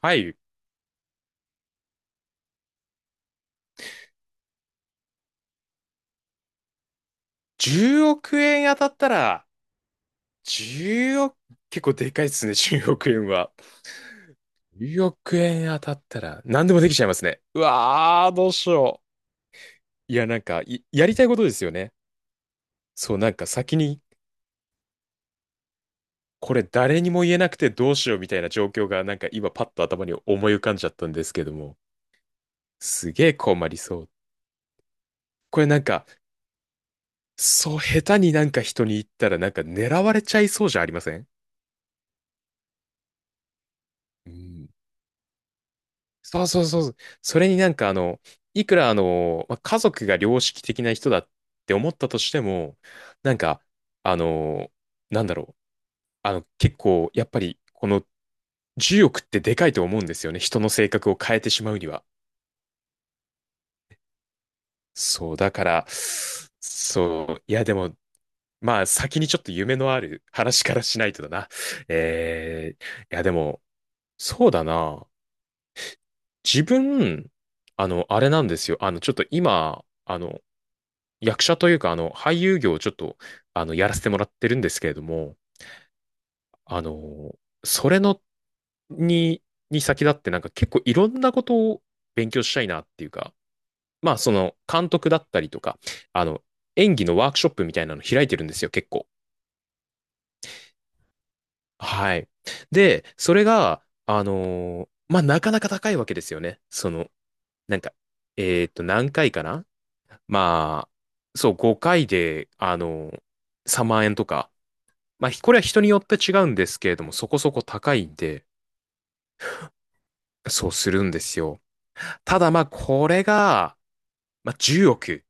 はい。10億円当たったら、10億、結構でかいですね、10億円は。10億円当たったら、何でもできちゃいますね。うわー、どうしよう。いや、なんか、いやりたいことですよね。そう、なんか先に、これ誰にも言えなくてどうしようみたいな状況が、なんか今パッと頭に思い浮かんじゃったんですけども、すげえ困りそう。これなんか、そう、下手になんか人に言ったら、なんか狙われちゃいそうじゃありません？うん。そうそうそうそう。それになんかいくらまあ家族が良識的な人だって思ったとしても、なんか、あの、なんだろう。結構、やっぱり、この10億ってでかいと思うんですよね。人の性格を変えてしまうには。そう、だから、そう、いやでも、まあ先にちょっと夢のある話からしないとだな。えー、いやでも、そうだな。自分、あれなんですよ。ちょっと今、役者というか、俳優業をちょっと、やらせてもらってるんですけれども、あの、それの、に、に先立ってなんか結構いろんなことを勉強したいなっていうか、まあその監督だったりとか、あの、演技のワークショップみたいなの開いてるんですよ、結構。はい。で、それが、まあなかなか高いわけですよね。その、なんか、何回かな、まあ、そう、5回で、3万円とか、まあ、これは人によって違うんですけれども、そこそこ高いんで、そうするんですよ。ただまあ、これが、まあ、10億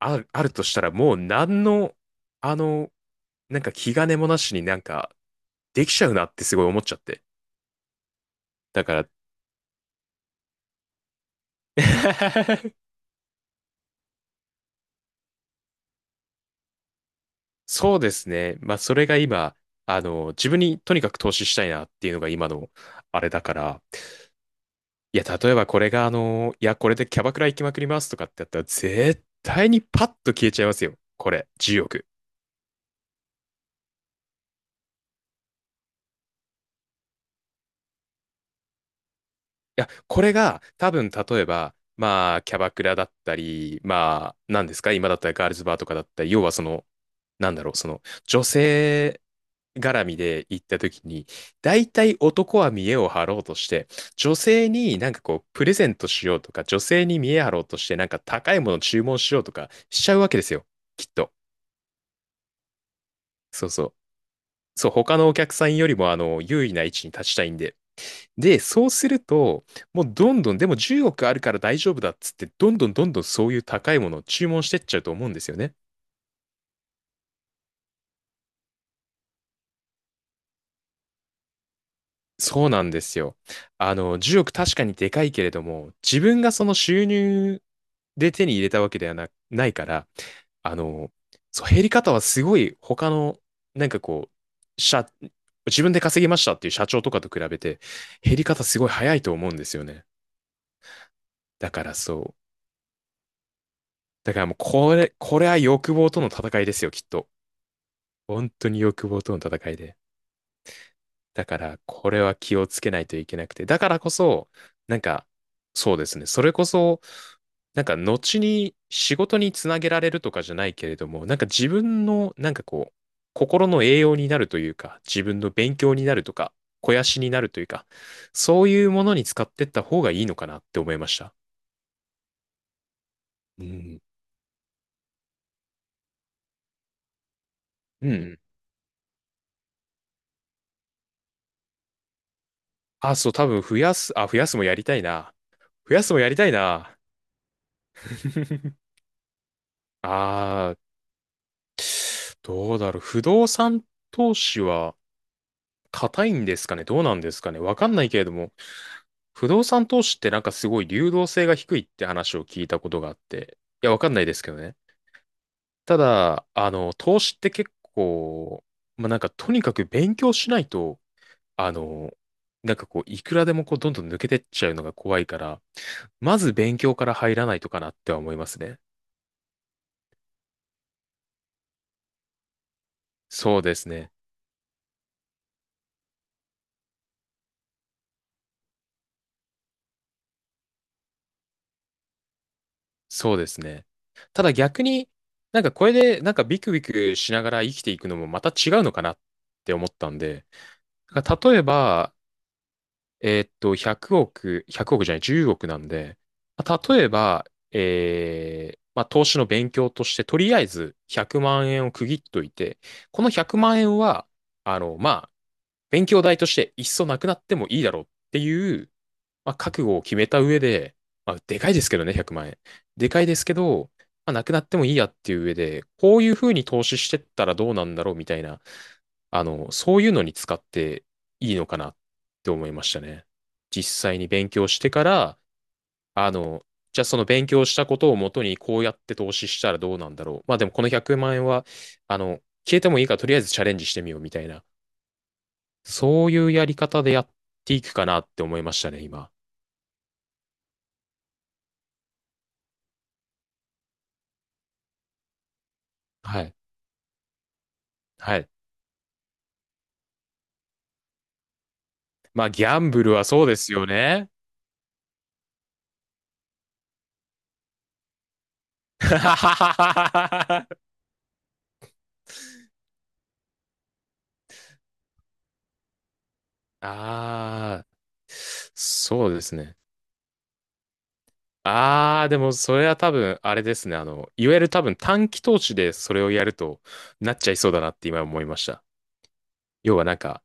あるとしたら、もう何の、あの、なんか気兼ねもなしになんか、できちゃうなってすごい思っちゃって。だから、そうですね。まあ、それが今、自分にとにかく投資したいなっていうのが今の、あれだから、いや、例えばこれがいや、これでキャバクラ行きまくりますとかってやったら、絶対にパッと消えちゃいますよ。これ、10億。いや、これが多分、例えば、まあ、キャバクラだったり、まあ、何ですか、今だったらガールズバーとかだったり、要はその、なんだろう、その、女性絡みで行った時に、大体男は見栄を張ろうとして、女性になんかこう、プレゼントしようとか、女性に見栄張ろうとして、なんか高いもの注文しようとかしちゃうわけですよ。きっと。そうそう。そう、他のお客さんよりも、優位な位置に立ちたいんで。で、そうすると、もうどんどん、でも10億あるから大丈夫だっつって、どんどんどんどんそういう高いものを注文してっちゃうと思うんですよね。そうなんですよ。10億確かにでかいけれども、自分がその収入で手に入れたわけではな、ないから、あの、そう、減り方はすごい他の、なんかこう、自分で稼ぎましたっていう社長とかと比べて、減り方すごい早いと思うんですよね。だからそう、だからもうこれ、これは欲望との戦いですよ、きっと。本当に欲望との戦いで。だから、これは気をつけないといけなくて。だからこそ、なんか、そうですね。それこそ、なんか、後に仕事につなげられるとかじゃないけれども、なんか自分の、なんかこう、心の栄養になるというか、自分の勉強になるとか、肥やしになるというか、そういうものに使ってった方がいいのかなって思いました。うん。うん。あ、そう、多分増やす、あ、増やすもやりたいな。増やすもやりたいな。あー、どうだろう。不動産投資は硬いんですかね、どうなんですかね、わかんないけれども、不動産投資ってなんかすごい流動性が低いって話を聞いたことがあって。いや、わかんないですけどね。ただ、投資って結構、まあ、なんかとにかく勉強しないと、あの、なんかこう、いくらでもこう、どんどん抜けてっちゃうのが怖いから、まず勉強から入らないとかなっては思いますね。そうですね。そうですね。ただ逆になんかこれでなんかビクビクしながら生きていくのもまた違うのかなって思ったんで、だから例えば、100億、100億じゃない、10億なんで、まあ例えば、まあ、投資の勉強として、とりあえず100万円を区切っといて、この100万円は、まあ、勉強代としていっそなくなってもいいだろうっていう、まあ、覚悟を決めた上で、まあ、でかいですけどね、100万円。でかいですけど、まあ、なくなってもいいやっていう上で、こういうふうに投資してったらどうなんだろうみたいな、そういうのに使っていいのかなって思いましたね。実際に勉強してから、あの、じゃあその勉強したことをもとにこうやって投資したらどうなんだろう。まあでもこの100万円は、あの、消えてもいいからとりあえずチャレンジしてみようみたいな、そういうやり方でやっていくかなって思いましたね、今。はい。はい。まあ、ギャンブルはそうですよね。ああ、そうですね。ああ、でもそれは多分、あれですね。いわゆる多分短期投資でそれをやるとなっちゃいそうだなって今思いました。要はなんか、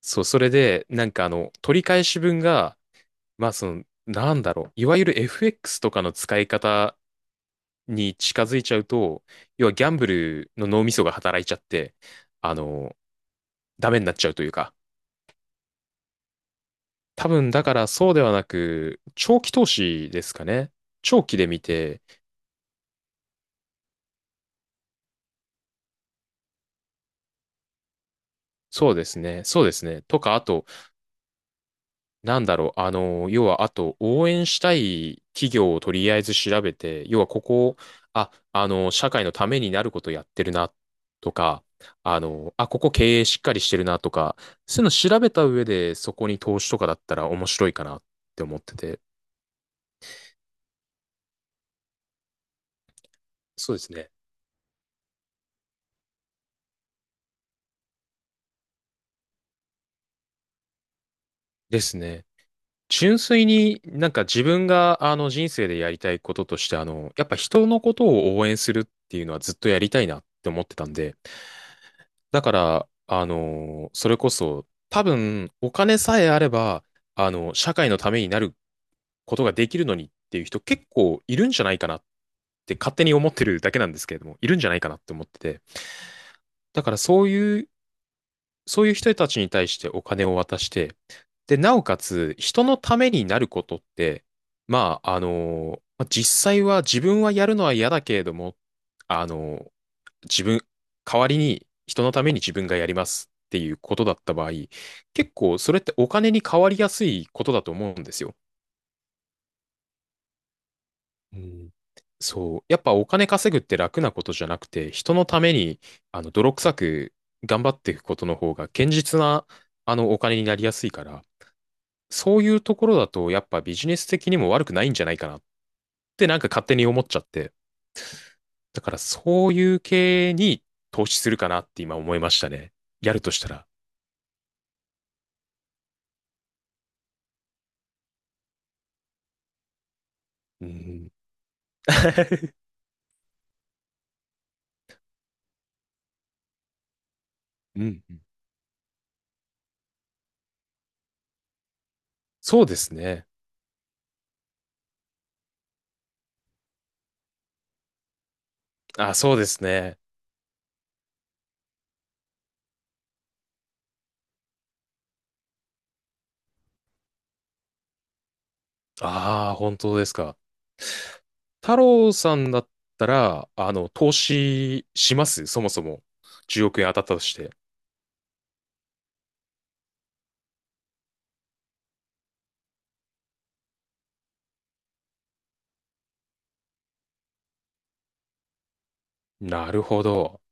そう、それで、なんか取り返し分が、まあその、なんだろう、いわゆる FX とかの使い方に近づいちゃうと、要はギャンブルの脳みそが働いちゃって、あの、ダメになっちゃうというか、多分だからそうではなく、長期投資ですかね。長期で見て、そうですね、そうですね。とか、あと、なんだろう、要は、あと、応援したい企業をとりあえず調べて、要はここ、あ、社会のためになることやってるな、とか、あ、ここ経営しっかりしてるな、とか、そういうの調べた上で、そこに投資とかだったら面白いかなって思ってて。そうですね。ですね。純粋になんか自分があの人生でやりたいこととしてやっぱ人のことを応援するっていうのはずっとやりたいなって思ってたんで、だから、それこそ多分お金さえあれば、社会のためになることができるのにっていう人結構いるんじゃないかなって勝手に思ってるだけなんですけれども、いるんじゃないかなって思ってて、だからそういう、そういう人たちに対してお金を渡して、で、なおかつ、人のためになることって、まあ、まあ実際は自分はやるのは嫌だけれども、あの、自分、代わりに人のために自分がやりますっていうことだった場合、結構それってお金に変わりやすいことだと思うんですよ。うん。そう。やっぱお金稼ぐって楽なことじゃなくて、人のために、泥臭く頑張っていくことの方が、堅実な、お金になりやすいから、そういうところだと、やっぱビジネス的にも悪くないんじゃないかなってなんか勝手に思っちゃって。だからそういう系に投資するかなって今思いましたね。やるとしたら。うん。うん。そうですね。あ、そうですね。ああ、本当ですか。太郎さんだったら、投資しますそもそも。10億円当たったとして。なるほど。